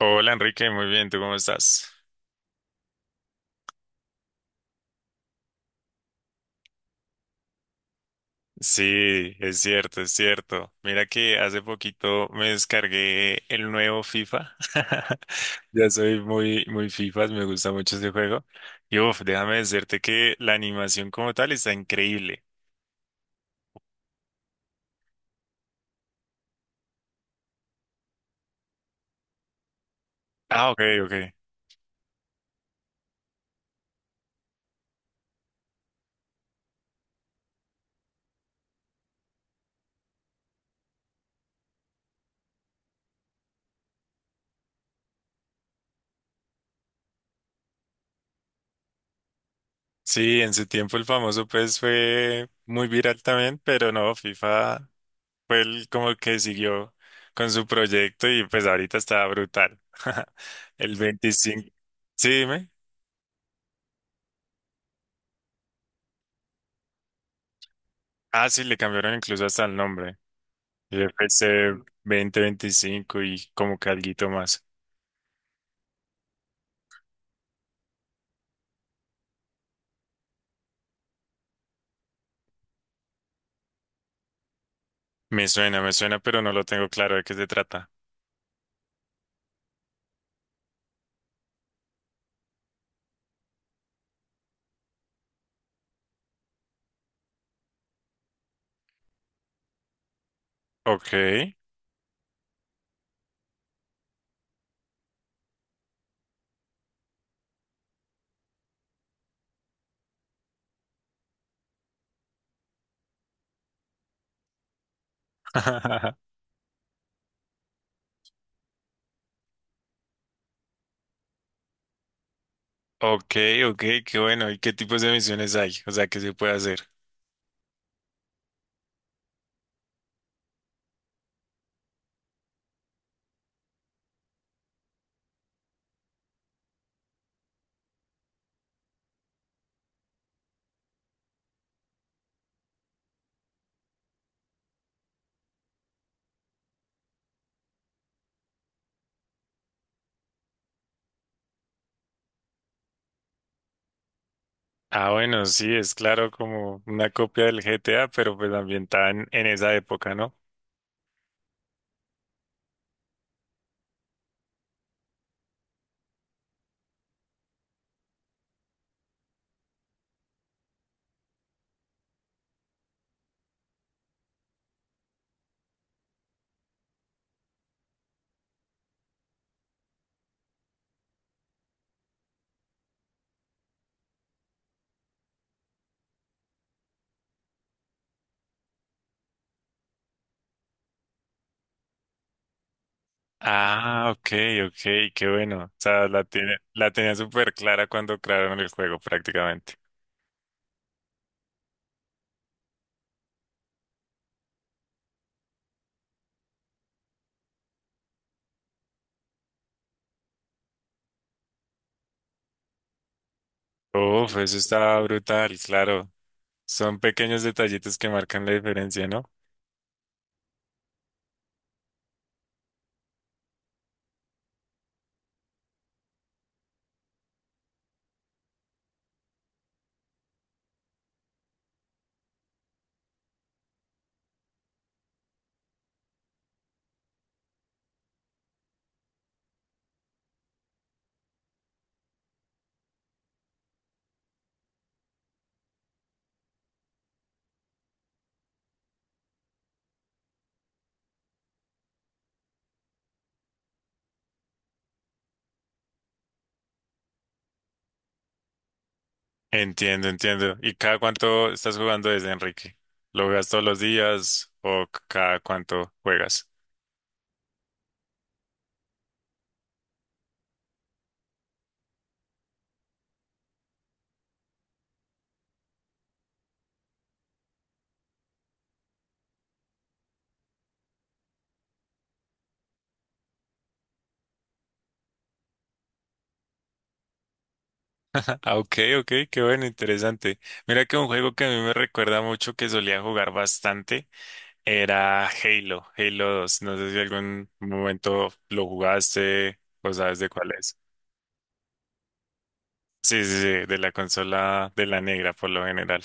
Hola Enrique, muy bien, ¿tú cómo estás? Sí, es cierto, es cierto. Mira que hace poquito me descargué el nuevo FIFA. Ya soy muy, muy FIFA, me gusta mucho ese juego. Y uff, déjame decirte que la animación como tal está increíble. Ah, ok, ok. Sí, en su tiempo el famoso PES fue muy viral también, pero no, FIFA fue el como que siguió con su proyecto y pues ahorita está brutal. El veinticinco. Sí, dime. Ah, sí, le cambiaron incluso hasta el nombre. YFC 25 y como que alguito más. Me suena, pero no lo tengo claro de qué se trata. Ok. Ok, ok, qué bueno. ¿Y qué tipos de misiones hay? O sea, ¿qué se puede hacer? Ah, bueno, sí, es claro como una copia del GTA, pero pues ambientada en esa época, ¿no? Ah, ok, ok, qué bueno. O sea, la tiene, la tenía súper clara cuando crearon el juego prácticamente. Uf, eso estaba brutal, claro. Son pequeños detallitos que marcan la diferencia, ¿no? Entiendo, entiendo. ¿Y cada cuánto estás jugando desde Enrique? ¿Lo juegas todos los días o cada cuánto juegas? Ah, ok, ok, qué bueno, interesante. Mira que un juego que a mí me recuerda mucho que solía jugar bastante. Era Halo, Halo 2. No sé si algún momento lo jugaste o sabes de cuál es. Sí, sí, sí, de la consola de la negra por lo general.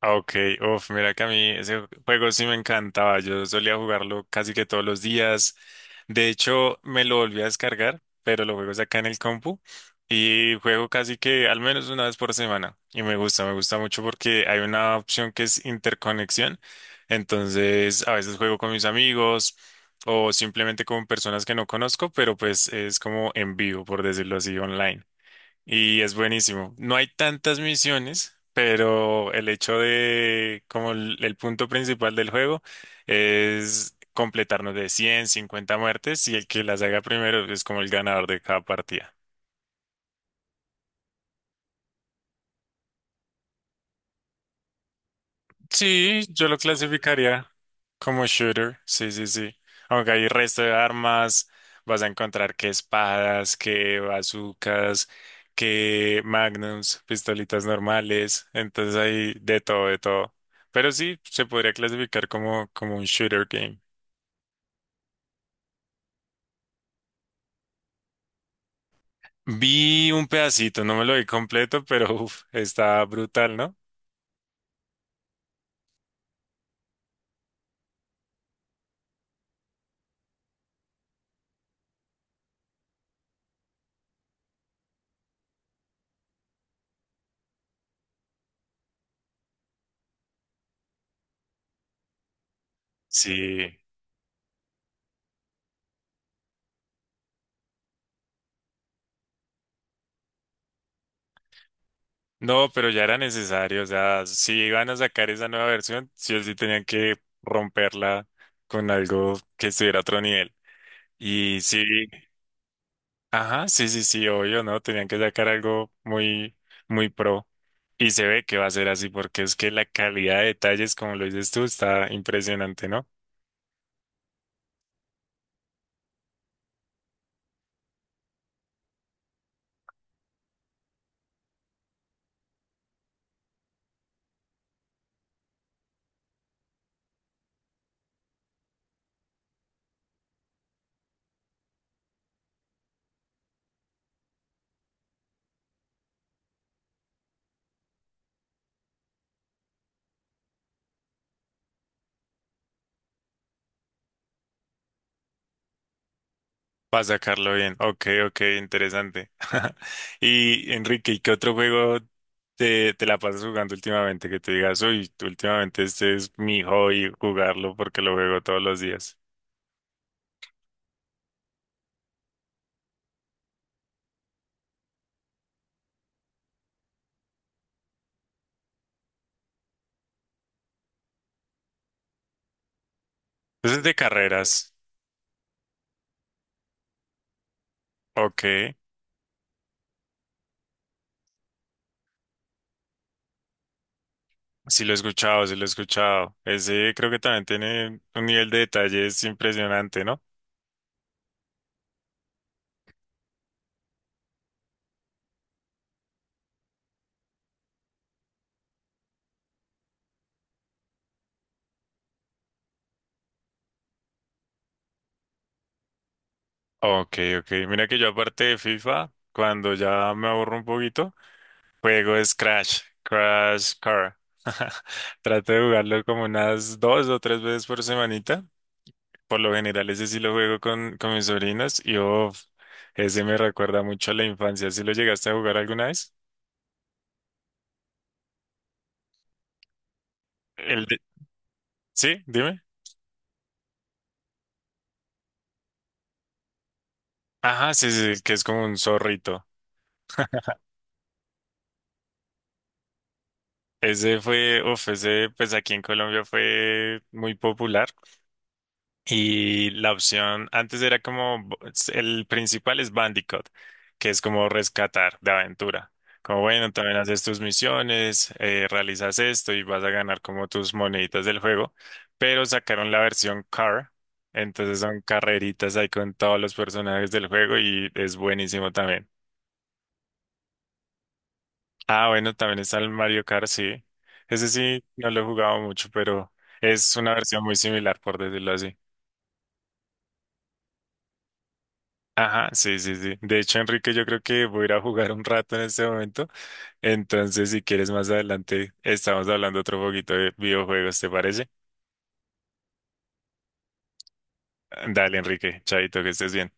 Ah, ok, uf, mira que a mí ese juego sí me encantaba. Yo solía jugarlo casi que todos los días. De hecho, me lo volví a descargar, pero lo juego es acá en el compu y juego casi que al menos una vez por semana. Y me gusta mucho porque hay una opción que es interconexión. Entonces, a veces juego con mis amigos o simplemente con personas que no conozco, pero pues es como en vivo, por decirlo así, online. Y es buenísimo. No hay tantas misiones, pero el hecho de, como el punto principal del juego, es completarnos de 100, 50 muertes y el que las haga primero es como el ganador de cada partida. Sí, yo lo clasificaría como shooter, sí, sí, sí. Aunque hay resto de armas, vas a encontrar que espadas, que bazucas, que magnums, pistolitas normales, entonces hay de todo, de todo. Pero sí, se podría clasificar como, como un shooter game. Vi un pedacito, no me lo vi completo, pero uf, está brutal, ¿no? Sí. No, pero ya era necesario, o sea, si iban a sacar esa nueva versión, sí o sí tenían que romperla con algo que estuviera a otro nivel. Y sí, ajá, sí, sí, sí, obvio, ¿no? Tenían que sacar algo muy, muy pro. Y se ve que va a ser así, porque es que la calidad de detalles, como lo dices tú, está impresionante, ¿no? Para sacarlo bien. Ok, ok, interesante. Y Enrique, ¿y qué otro juego te la pasas jugando últimamente? Que te digas, uy, últimamente este es mi hobby jugarlo porque lo juego todos los días. Entonces, de carreras. Ok, sí lo he escuchado, sí lo he escuchado. Ese creo que también tiene un nivel de detalles impresionante, ¿no? Ok, ok. Mira que yo aparte de FIFA, cuando ya me aburro un poquito, juego es Crash, Crash Car. Trato de jugarlo como unas dos o tres veces por semanita. Por lo general, ese sí lo juego con mis sobrinos y uf, ese me recuerda mucho a la infancia. ¿Sí lo llegaste a jugar alguna vez? El de- Sí, dime. Ajá, sí, sí, que es como un zorrito. Ese fue, uf, ese pues aquí en Colombia fue muy popular. Y la opción antes era como el principal es Bandicoot, que es como rescatar de aventura. Como bueno, también haces tus misiones, realizas esto y vas a ganar como tus moneditas del juego. Pero sacaron la versión Car, entonces son carreritas ahí con todos los personajes del juego y es buenísimo también. Ah, bueno, también está el Mario Kart, sí. Ese sí, no lo he jugado mucho, pero es una versión muy similar, por decirlo así. Ajá, sí, sí, sí. De hecho, Enrique, yo creo que voy a ir a jugar un rato en este momento. Entonces, si quieres más adelante, estamos hablando otro poquito de videojuegos, ¿te parece? Dale, Enrique, chaito, que estés bien.